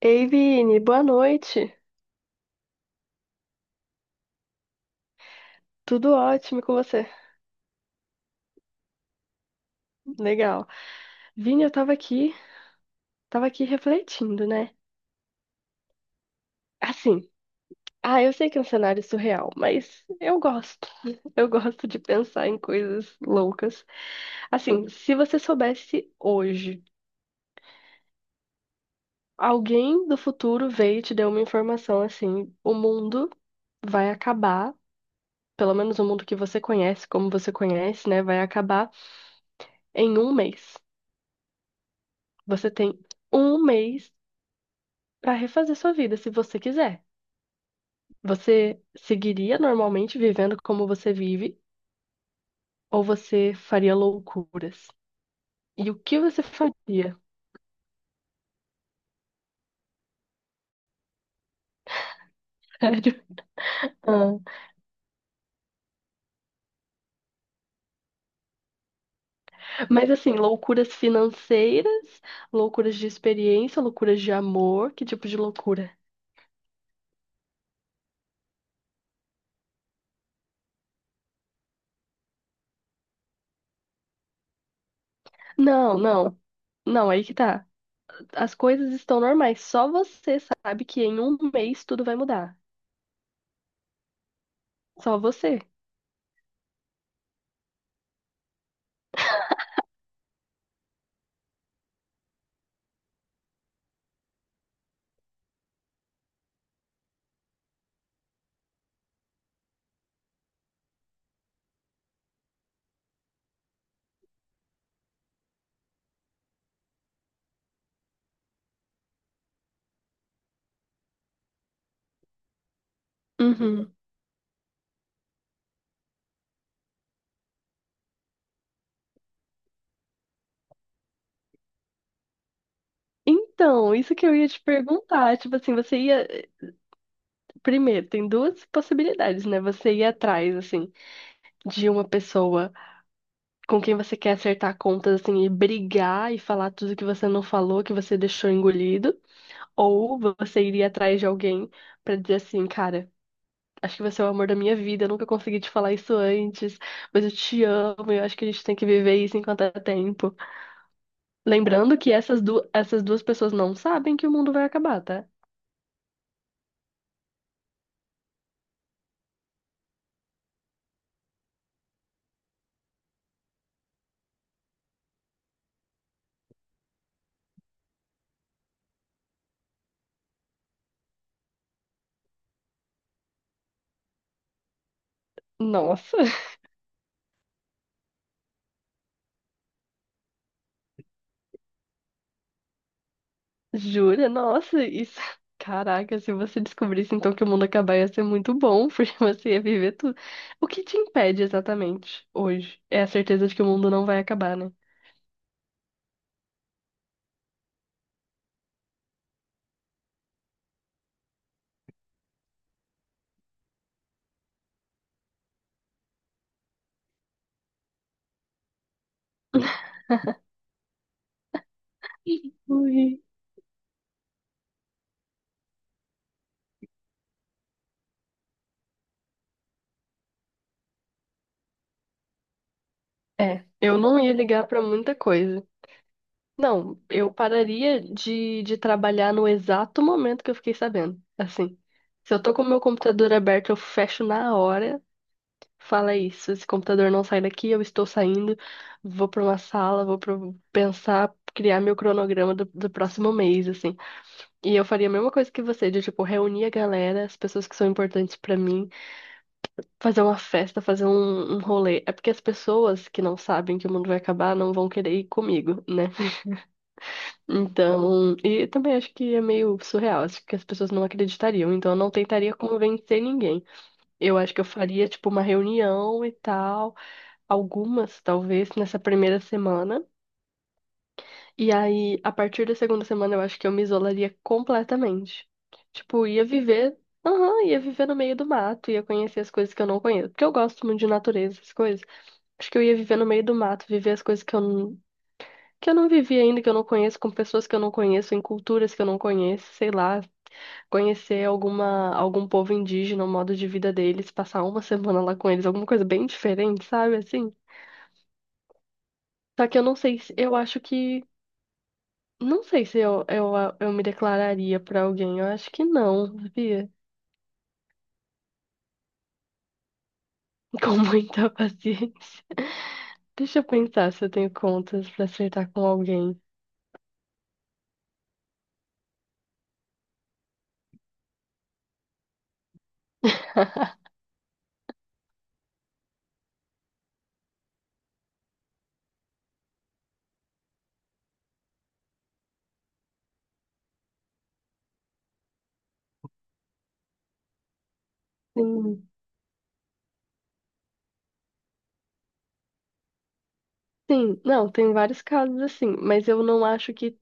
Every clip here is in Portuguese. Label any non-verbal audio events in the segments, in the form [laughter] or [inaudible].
Ei, Vini, boa noite. Tudo ótimo com você? Legal. Vini, eu tava aqui refletindo, né? Assim, ah, eu sei que é um cenário surreal, mas eu gosto. [laughs] Eu gosto de pensar em coisas loucas. Assim, se você soubesse hoje, alguém do futuro veio e te deu uma informação assim, o mundo vai acabar, pelo menos o mundo que você conhece, como você conhece, né, vai acabar em um mês. Você tem um mês para refazer sua vida, se você quiser. Você seguiria normalmente vivendo como você vive ou você faria loucuras? E o que você faria? [laughs] Sério? Ah, mas assim, loucuras financeiras, loucuras de experiência, loucuras de amor, que tipo de loucura? Não, não. Não, aí que tá. As coisas estão normais. Só você sabe que em um mês tudo vai mudar. Só você. Uhum. Então, isso que eu ia te perguntar, tipo assim, você ia primeiro, tem duas possibilidades, né? Você ir atrás, assim, de uma pessoa com quem você quer acertar contas, assim, e brigar e falar tudo que você não falou, que você deixou engolido. Ou você iria atrás de alguém pra dizer assim, cara, acho que você é o amor da minha vida, eu nunca consegui te falar isso antes, mas eu te amo, eu acho que a gente tem que viver isso enquanto é tempo. Lembrando que essas, du essas duas pessoas não sabem que o mundo vai acabar, tá? Nossa. Jura? Nossa, isso. Caraca, se você descobrisse então que o mundo acabar ia ser muito bom, porque [laughs] você ia viver tudo. O que te impede exatamente hoje? É a certeza de que o mundo não vai acabar, né? Ui. É, eu não ia ligar pra muita coisa. Não, eu pararia de trabalhar no exato momento que eu fiquei sabendo. Assim, se eu tô com o meu computador aberto, eu fecho na hora. Fala isso, esse computador não sai daqui, eu estou saindo, vou para uma sala, vou pra pensar, criar meu cronograma do próximo mês, assim. E eu faria a mesma coisa que você, de tipo, reunir a galera, as pessoas que são importantes para mim, fazer uma festa, fazer um rolê. É porque as pessoas que não sabem que o mundo vai acabar não vão querer ir comigo, né? Então, e também acho que é meio surreal, acho que as pessoas não acreditariam, então eu não tentaria convencer ninguém. Eu acho que eu faria, tipo, uma reunião e tal. Algumas, talvez, nessa primeira semana. E aí, a partir da segunda semana, eu acho que eu me isolaria completamente. Tipo, ia viver, aham, ia viver no meio do mato, ia conhecer as coisas que eu não conheço. Porque eu gosto muito de natureza, essas coisas. Acho que eu ia viver no meio do mato, viver as coisas que eu não vivi ainda, que eu não conheço, com pessoas que eu não conheço, em culturas que eu não conheço, sei lá, conhecer algum povo indígena, o modo de vida deles, passar uma [laughs] semana lá com eles, alguma coisa bem diferente, sabe, assim? Só que eu não sei, eu acho que não sei se eu me declararia pra alguém. Eu acho que não, sabia? [laughs] Com muita paciência. Deixa eu pensar se eu tenho contas pra acertar com alguém. Sim, sim. Não, tem vários casos assim, mas eu não acho que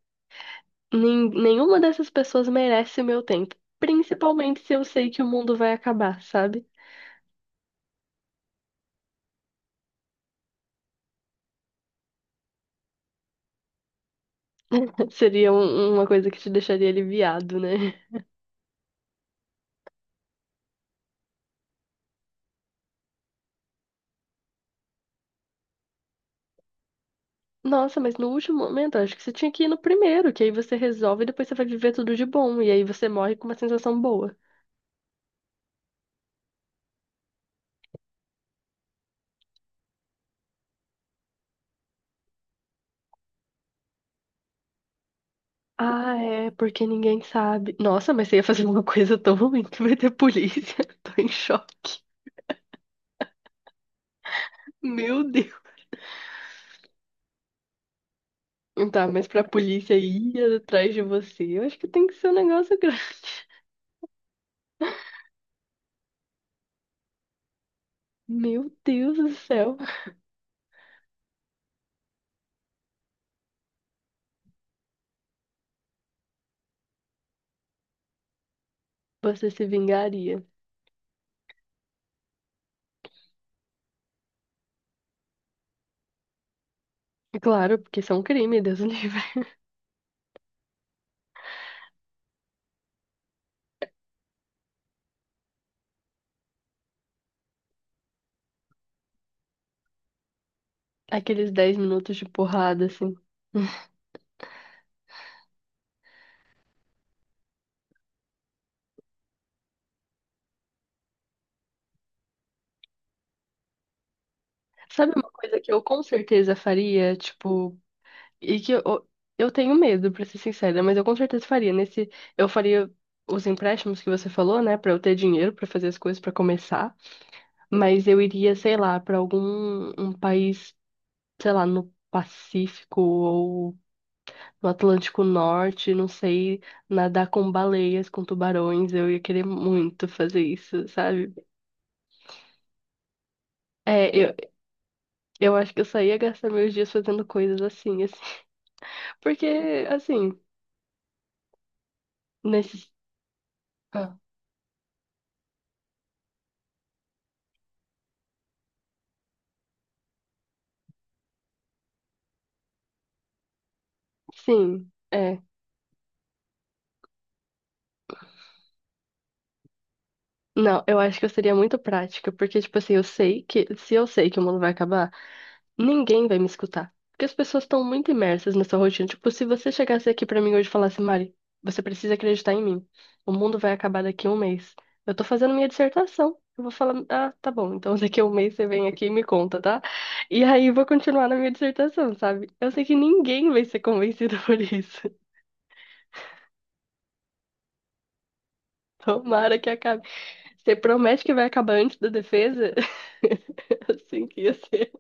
nenhuma dessas pessoas merece o meu tempo. Principalmente se eu sei que o mundo vai acabar, sabe? [laughs] Seria uma coisa que te deixaria aliviado, né? Nossa, mas no último momento, eu acho que você tinha que ir no primeiro, que aí você resolve e depois você vai viver tudo de bom, e aí você morre com uma sensação boa. Ah, é, porque ninguém sabe. Nossa, mas você ia fazer uma [laughs] coisa tão ruim que vai ter polícia. [laughs] Tô em choque. Meu Deus. Tá, mas pra polícia ir atrás de você, eu acho que tem que ser um negócio [laughs] grande. Meu Deus do céu. Você se vingaria. Claro, porque isso é um crime, Deus [laughs] o livre. Aqueles 10 minutos de porrada, assim. Sabe uma coisa que eu com certeza faria? Tipo, e que eu tenho medo, pra ser sincera, mas eu com certeza faria. Nesse, eu faria os empréstimos que você falou, né, pra eu ter dinheiro pra fazer as coisas pra começar, mas eu iria, sei lá, pra algum país, sei lá, no Pacífico ou no Atlântico Norte, não sei, nadar com baleias, com tubarões, eu ia querer muito fazer isso, sabe? É, eu acho que eu só ia gastar meus dias fazendo coisas assim, assim. [laughs] Porque assim, nesses, ah, sim, é. Não, eu acho que eu seria muito prática, porque, tipo assim, eu sei que, se eu sei que o mundo vai acabar, ninguém vai me escutar. Porque as pessoas estão muito imersas nessa rotina. Tipo, se você chegasse aqui pra mim hoje e falasse, Mari, você precisa acreditar em mim. O mundo vai acabar daqui a um mês. Eu tô fazendo minha dissertação. Eu vou falar, ah, tá bom, então [laughs] daqui a um mês você vem aqui e me conta, tá? E aí eu vou continuar na minha dissertação, sabe? Eu sei que ninguém vai ser convencido por isso. [laughs] Tomara que acabe. Você promete que vai acabar antes da defesa? [laughs] Assim que ia ser.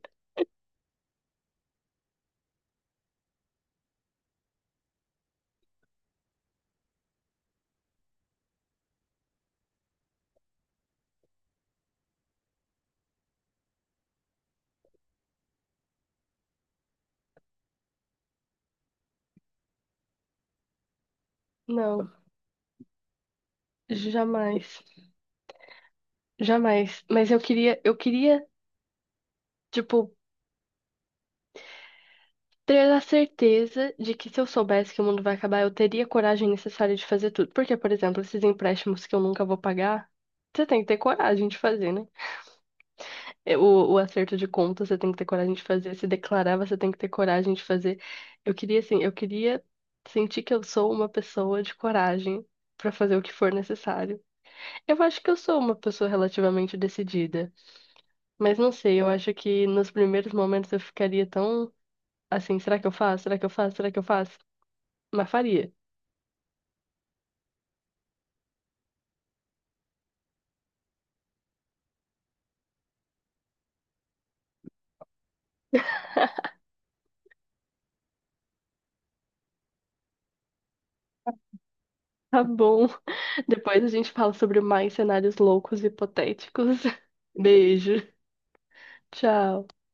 Não, jamais. Jamais. Mas eu queria, tipo, ter a certeza de que se eu soubesse que o mundo vai acabar, eu teria a coragem necessária de fazer tudo. Porque, por exemplo, esses empréstimos que eu nunca vou pagar, você tem que ter coragem de fazer, né? É, o acerto de conta, você tem que ter coragem de fazer. Se declarar, você tem que ter coragem de fazer. Eu queria, assim, eu queria sentir que eu sou uma pessoa de coragem pra fazer o que for necessário. Eu acho que eu sou uma pessoa relativamente decidida. Mas não sei, eu acho que nos primeiros momentos eu ficaria tão assim, será que eu faço? Será que eu faço? Será que eu faço? Mas faria. Tá bom. [laughs] Depois a gente fala sobre mais cenários loucos e hipotéticos. [laughs] Beijo. Tchau.